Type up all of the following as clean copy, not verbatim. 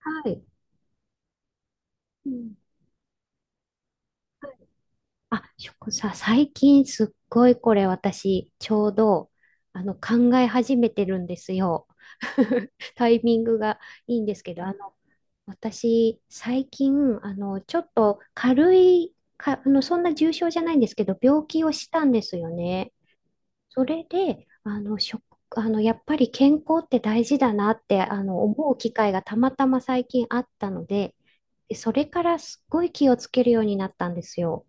はい。うん。あ、最近すっごいこれ私、ちょうど、考え始めてるんですよ。タイミングがいいんですけど、私、最近、ちょっと軽い、か、あの、そんな重症じゃないんですけど、病気をしたんですよね。それで、あの、食、あの、やっぱり健康って大事だなって、思う機会がたまたま最近あったので、でそれからすっごい気をつけるようになったんですよ。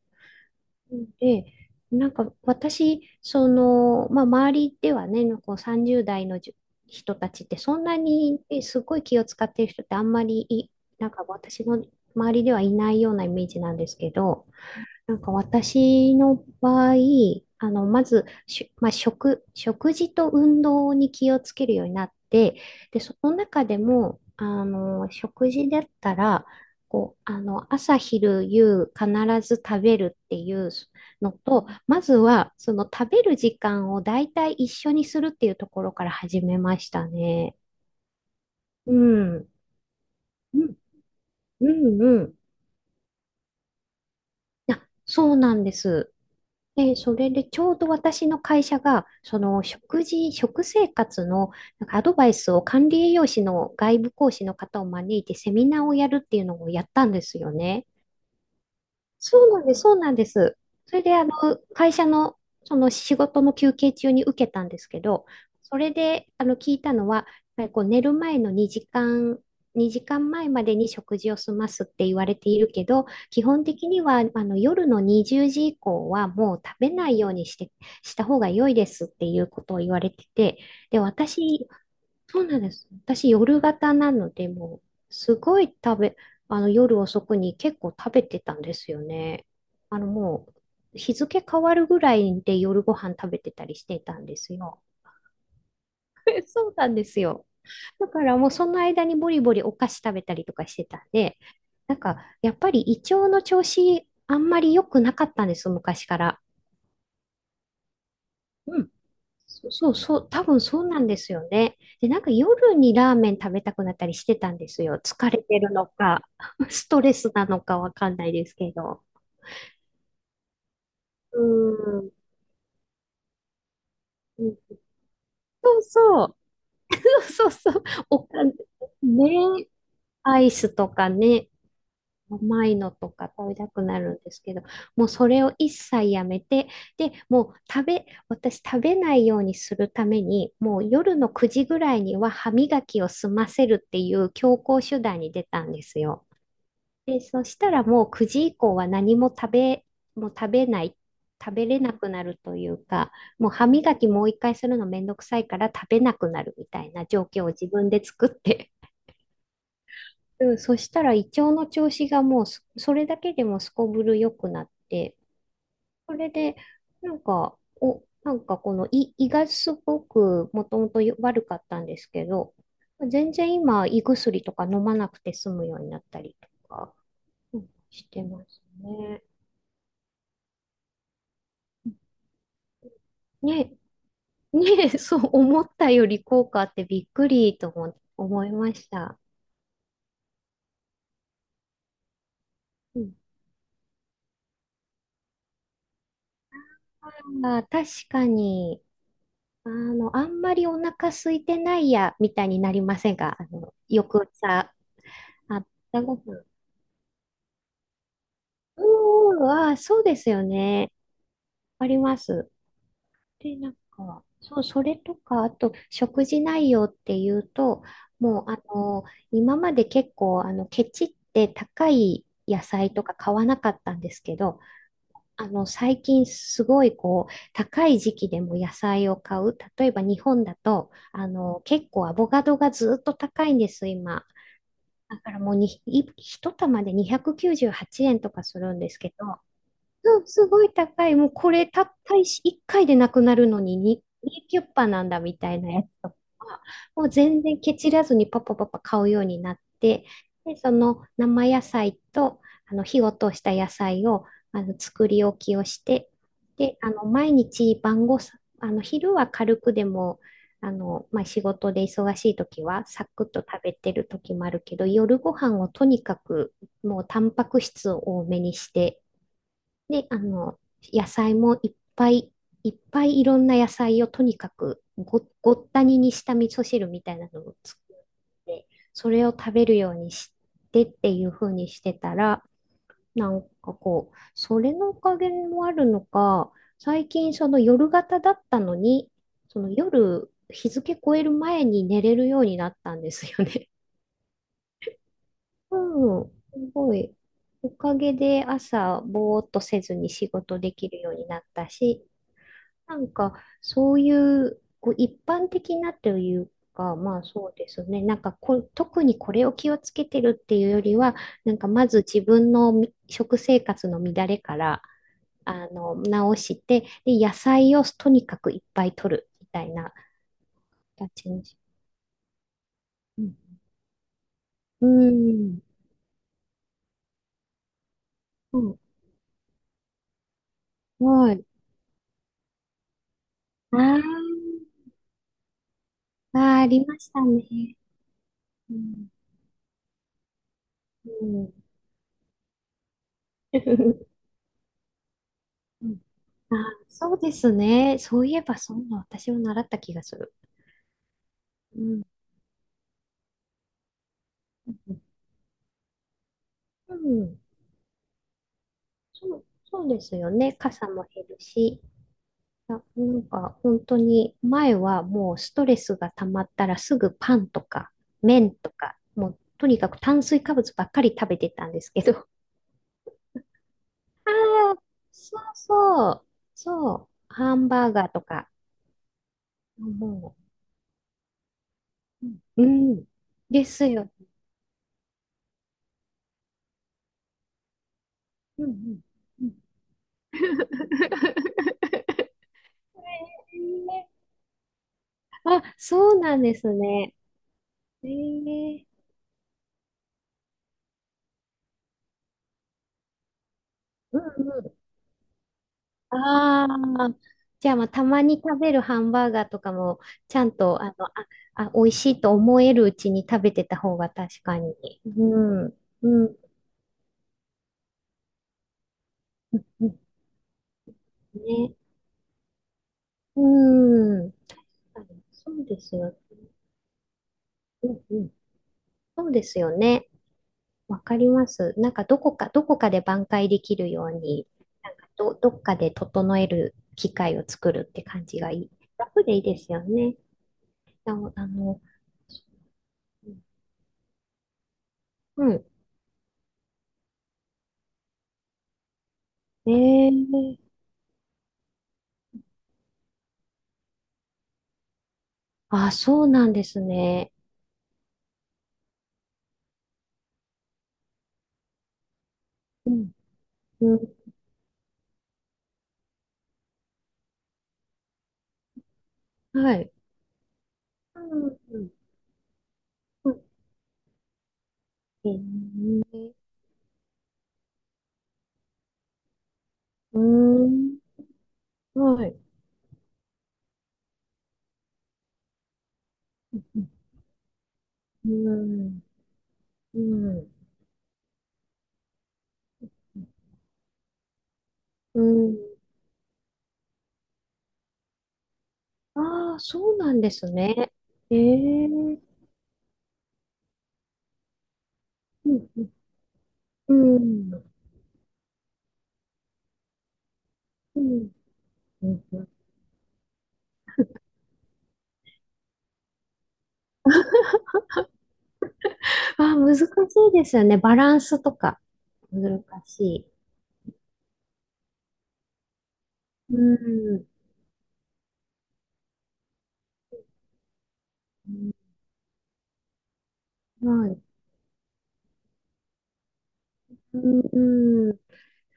で、なんか私、その、まあ、周りではね、こう30代の人たちってそんなにすごい気を使ってる人ってあんまりい、なんか私の周りではいないようなイメージなんですけど、なんか私の場合、まず、しまあ、食、食事と運動に気をつけるようになって、で、その中でも、食事だったら、こう、朝、昼、夕、必ず食べるっていうのと、まずは、その食べる時間を大体一緒にするっていうところから始めましたね。うん。うん、うん、うん。あ、そうなんです。で、それでちょうど私の会社が、その食事、食生活のなんかアドバイスを管理栄養士の外部講師の方を招いてセミナーをやるっていうのをやったんですよね。そうなんです、そうなんです。それで、あの、会社の、その仕事の休憩中に受けたんですけど、それで、聞いたのは、やっぱりこう寝る前の2時間前までに食事を済ますって言われているけど、基本的には、夜の20時以降はもう食べないようにした方が良いですっていうことを言われてて、で、私、そうなんです。私、夜型なので、もう、すごい食べ、あの、夜遅くに結構食べてたんですよね。もう、日付変わるぐらいで夜ご飯食べてたりしてたんですよ。そうなんですよ。だからもう、その間にボリボリお菓子食べたりとかしてたんで、なんか、やっぱり胃腸の調子、あんまり良くなかったんです、昔から。うん。そうそう、多分そうなんですよね。で、なんか夜にラーメン食べたくなったりしてたんですよ。疲れてるのか、ストレスなのかわかんないですけど。うん。うんそうそう。そうそうそう。おかね、アイスとかね、甘いのとか食べたくなるんですけど、もうそれを一切やめて、で、もう食べ、私食べないようにするために、もう夜の9時ぐらいには歯磨きを済ませるっていう強行手段に出たんですよ。で、そしたらもう9時以降は何も食べ、もう食べない、食べれなくなるというか、もう歯磨きもう一回するのめんどくさいから食べなくなるみたいな状況を自分で作ってうん、そしたら胃腸の調子がもうすそれだけでもすこぶる良くなって、それで、なんか、なんかこの胃がすごくもともと悪かったんですけど、全然今胃薬とか飲まなくて済むようになったりとか、うんしてますね。ね、ね、そう思ったより効果あってびっくりとも思いました。うん、あー、確かに。あんまりお腹空いてないや、みたいになりませんか？翌朝、あったご飯。うーん、あー、そうですよね。あります。で、なんか、そう、それとか、あと、食事内容っていうと、もう、今まで結構、ケチって高い野菜とか買わなかったんですけど、最近すごいこう、高い時期でも野菜を買う。例えば日本だと、結構アボカドがずっと高いんです、今。だからもう一玉で298円とかするんですけど、うん、すごい高い。もうこれたった1回でなくなるのに2キュッパなんだみたいなやつとか、もう全然ケチらずにパパパパ買うようになって、で、その生野菜と、火を通した野菜を、作り置きをして、で、あの、毎日晩ごさ、あの、昼は軽くでも、まあ、仕事で忙しい時はサクッと食べてる時もあるけど、夜ご飯をとにかくもうタンパク質を多めにして、で、野菜もいっぱいいっぱいいろんな野菜をとにかくごったににした味噌汁みたいなのを作って、それを食べるようにしてっていう風にしてたら、なんかこう、それのおかげもあるのか、最近その夜型だったのに、その夜日付超える前に寝れるようになったんですよね。うん、すごい。おかげで朝、ぼーっとせずに仕事できるようになったし、なんか、そういう、こう一般的なというか、まあそうですね。なんかこ、特にこれを気をつけてるっていうよりは、なんかまず自分のみ食生活の乱れから、直して、で、野菜をとにかくいっぱい取るみたいな形にし。うん。うん。うん。はい。あーあー、ありましたね。うん。うん。うん。あー、そうですね。そういえば、そんな私も習った気がする。うん。うん。うんそう、そうですよね。傘も減るし。あ、なんか、本当に、前はもうストレスが溜まったらすぐパンとか、麺とか、もう、とにかく炭水化物ばっかり食べてたんですけど。ああ、そうそう。そう。ハンバーガーとか。もう、うん。うんですよ。うんうん。えーあ、そうなんですね。えーうんうん。ああ。じゃあ、まあ、たまに食べるハンバーガーとかも、ちゃんと、美味しいと思えるうちに食べてた方が確かに。うん。うん。うんね。うん。あそうですよ。うんうん。そうですよね。わかります。なんかどこかで挽回できるように、なんかどっかで整える機会を作るって感じがいい。楽でいいですよね。あの、あの、うん。ええーあ、そうなんですね。うん、うん、はい。うん、うん、うん。えーうーん、はい。うん、うん、うん。ああー、そうなんですね。ええうん、うん、うん。うんうん、あー、難しいですよね。バランスとか難しい。うん。はい。うん、うん。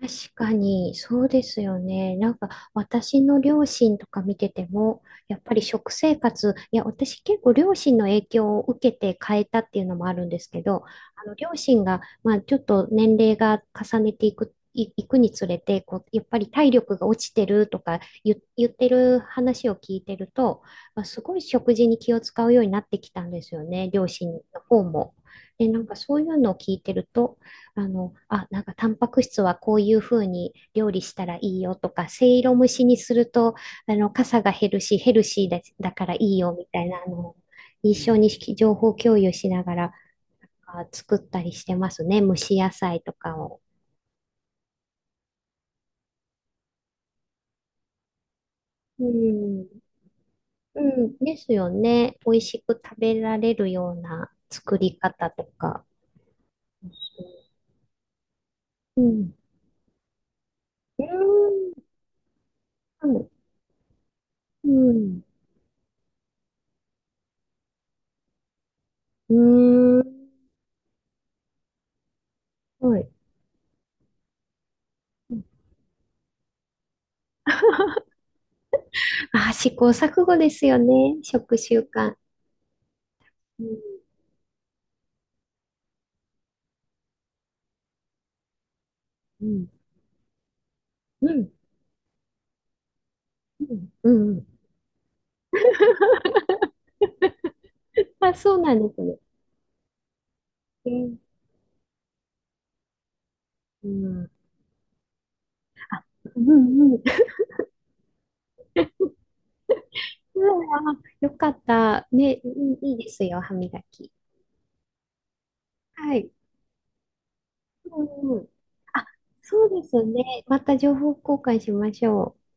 確かに、そうですよね。なんか、私の両親とか見てても、やっぱり食生活、いや、私結構両親の影響を受けて変えたっていうのもあるんですけど、両親が、まあ、ちょっと年齢が重ねていく、い、いくにつれて、こう、やっぱり体力が落ちてるとか言ってる話を聞いてると、まあ、すごい食事に気を使うようになってきたんですよね、両親の方も。で、なんかそういうのを聞いてると、なんかタンパク質はこういうふうに料理したらいいよとか、せいろ蒸しにすると、かさが減るし、ヘルシーだ、だからいいよみたいな、一緒に情報共有しながら作ったりしてますね。蒸し野菜とかを。うん。うん。ですよね。美味しく食べられるような作り方とか。うん。うーん。うん。うーん。うーん。はい。あ、試行錯誤ですよね。食習慣。うん、うん、うん、うん。うんまあ、そうなんですね。うん。あ、うん、うん。うんあ、よかった。ね、うんいいですよ、歯磨き。はい。うん、うん。あ、そうですね。また情報交換しましょう。